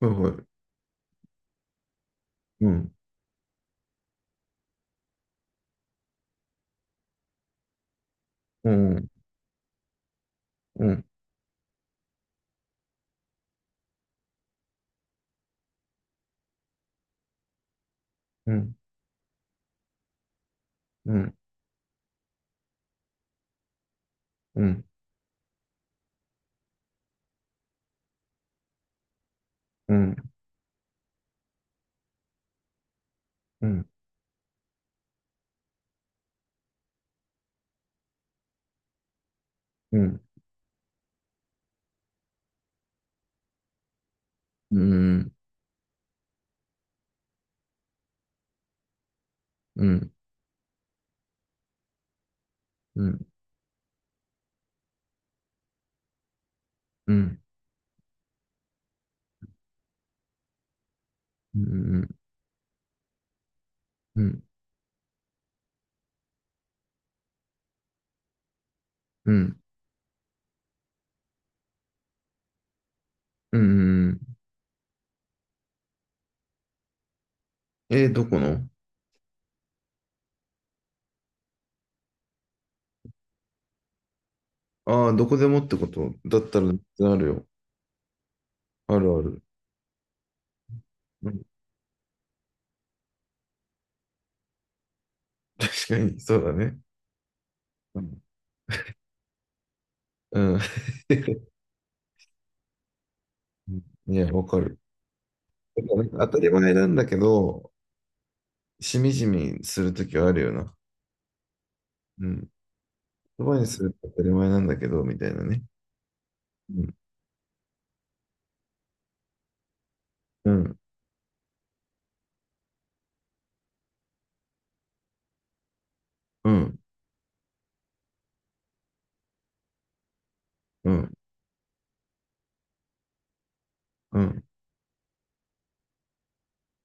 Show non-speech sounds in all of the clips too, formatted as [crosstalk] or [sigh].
はいはい。うん、うん、うん、うん、うん、うん、うん、うん、うん、うん、うん、うん、うん、うん、うん、うん、うん。えー、どこのああー、どこでもってことだったらあるよ。あるある。うん、確かに、そうだね。うん。うん [laughs] いや、わかる。なんか当たり前なんだけど、しみじみするときはあるよな。うん。言葉にすると当たり前なんだけど、みたいなね。うん、うん、うん、うん、うん。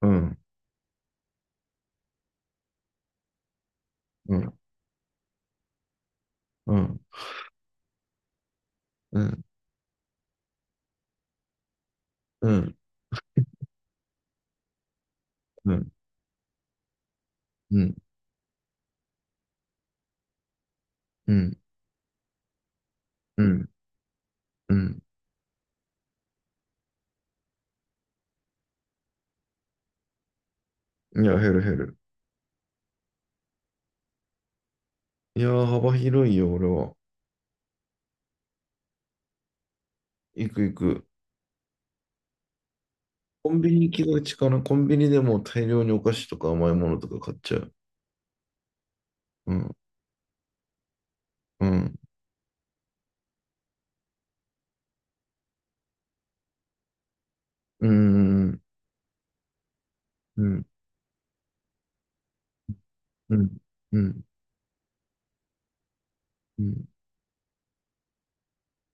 うん、うん、うん、うん、うん、うん、うん、うん、うん、うん、いや、減る減る。いやー、幅広いよ、俺は。行く行く。コンビニ行きがちかな。コンビニでもう大量にお菓子とか甘いものとか買っちゃう。うん、うん、うん、うん、うん、うん、うん、うん、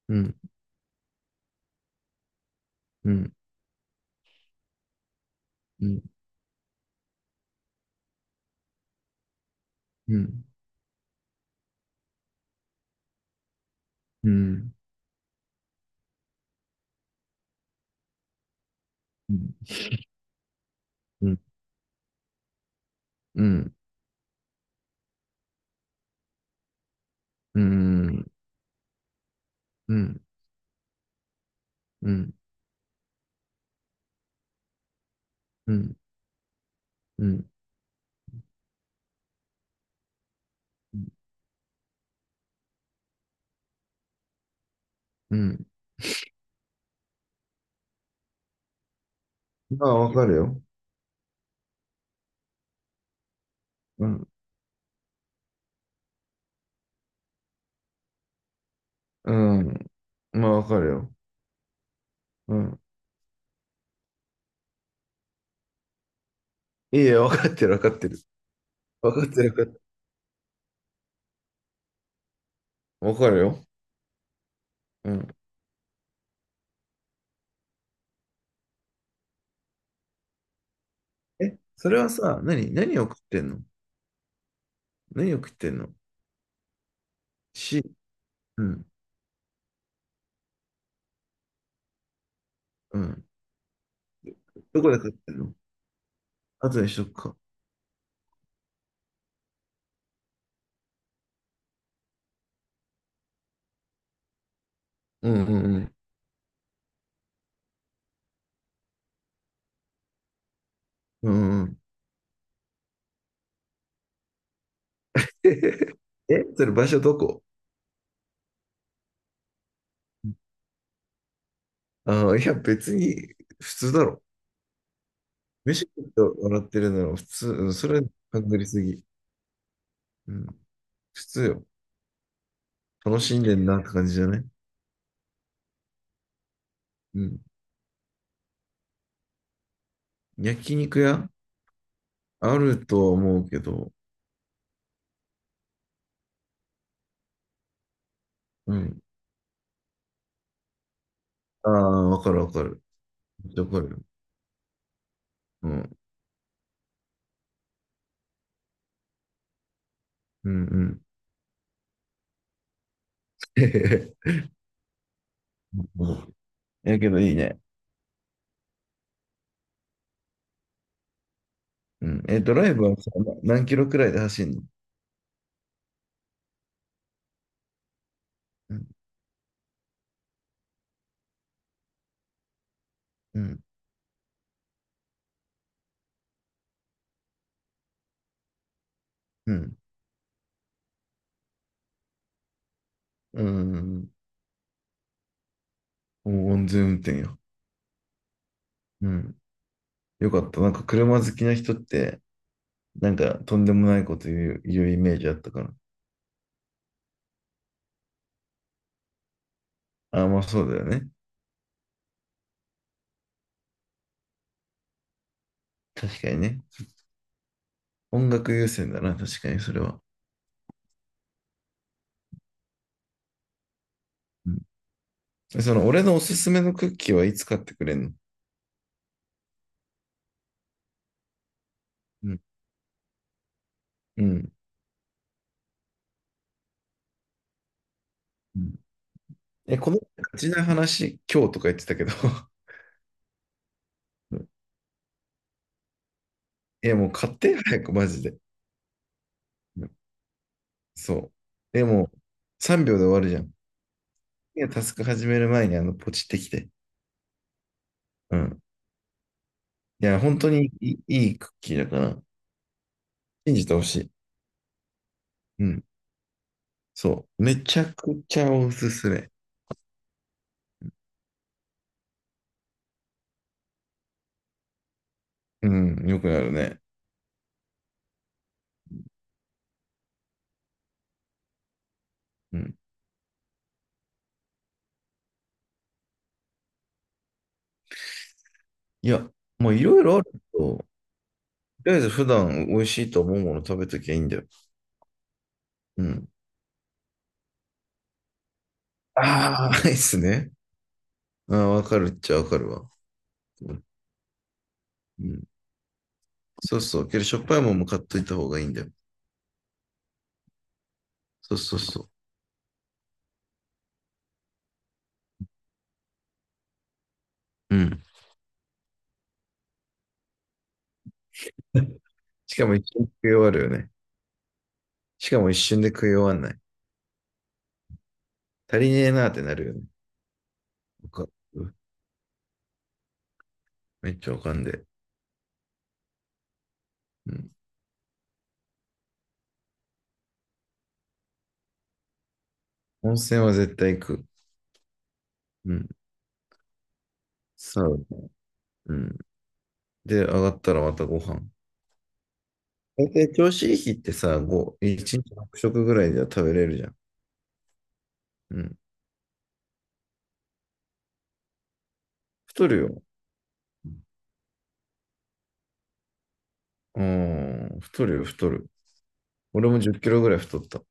うん、うん、うん、うん、うん、うん、うん、うん、うん、うん、うん、うん。まあ、わかるよ。うん、うん、まあ、わかるよ。うん。いや、分かってる、分かってる。分かってる、分かってる。分かるよ。うん。え、それはさ、何を食ってんの？何を食ってんの？し、うん、うん。どこで食ってんの？後にしとくか。うんうんうん。うんうん。[laughs] え、それ場所どこ？ああー、いや、別に普通だろ。飯食って笑ってるなら普通、うん、それ、ハングりすぎ。うん。普通よ。楽しんでんなって感じじゃない？うん。焼肉屋？あるとは思うけど、うん。ああ、わかるわかる。めっちゃわかるよ。うん。うんうん。[laughs] うん。やけどいいね。うん。えっと、ドライブはさ、何キロくらいで走んの？うん。うん。うん。うん。お安全運転よ。うん。よかった。なんか車好きな人って、なんかとんでもないこと言うイメージあったから。ああ、まあそうだよね。確かにね。音楽優先だな、確かにそれは。うん。その、俺のおすすめのクッキーはいつ買ってくれんの？うん。うん。え、このガチな話、今日とか言ってたけど、[laughs] え、もう買って早く、マジで。うん、そう。え、もう3秒で終わるじゃん。いや、タスク始める前にポチってきて。うん。いや、本当にいいクッキーだから、信じてほしい。うん。そう。めちゃくちゃおすすめ。うん。よくなるね。うん。いや、もういろいろあるけど、とりあえず普段美味しいと思うもの食べときゃいいんだよ。うん。ああ、ないっすね。ああ、わかるっちゃわかるわ。うん、そうそう。けど、しょっぱいもんも買っといた方がいいんだよ。そうそうそう。うん。しかも一瞬で食い終わるよね。しかも一瞬で食い終わんない。足りねえなーってなるよね。わかる、めっちゃわかんで。うん。温泉は絶対行く。うん。サウナ。うん。で、上がったらまたご飯。大体調子いい日ってさ、1日6食ぐらいでは食べれるじゃん。うん。太るよ。うん。太るよ、太る。俺も10キロぐらい太った。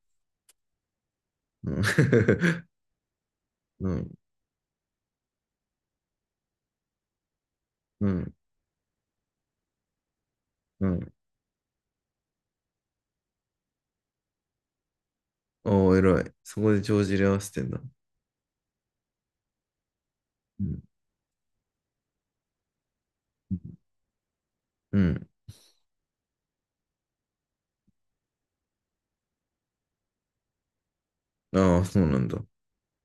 うん。[laughs] うん。うん。うん。ああ、偉い。そこで帳尻合わせてんだ。うんうん。ああ、そうなんだ。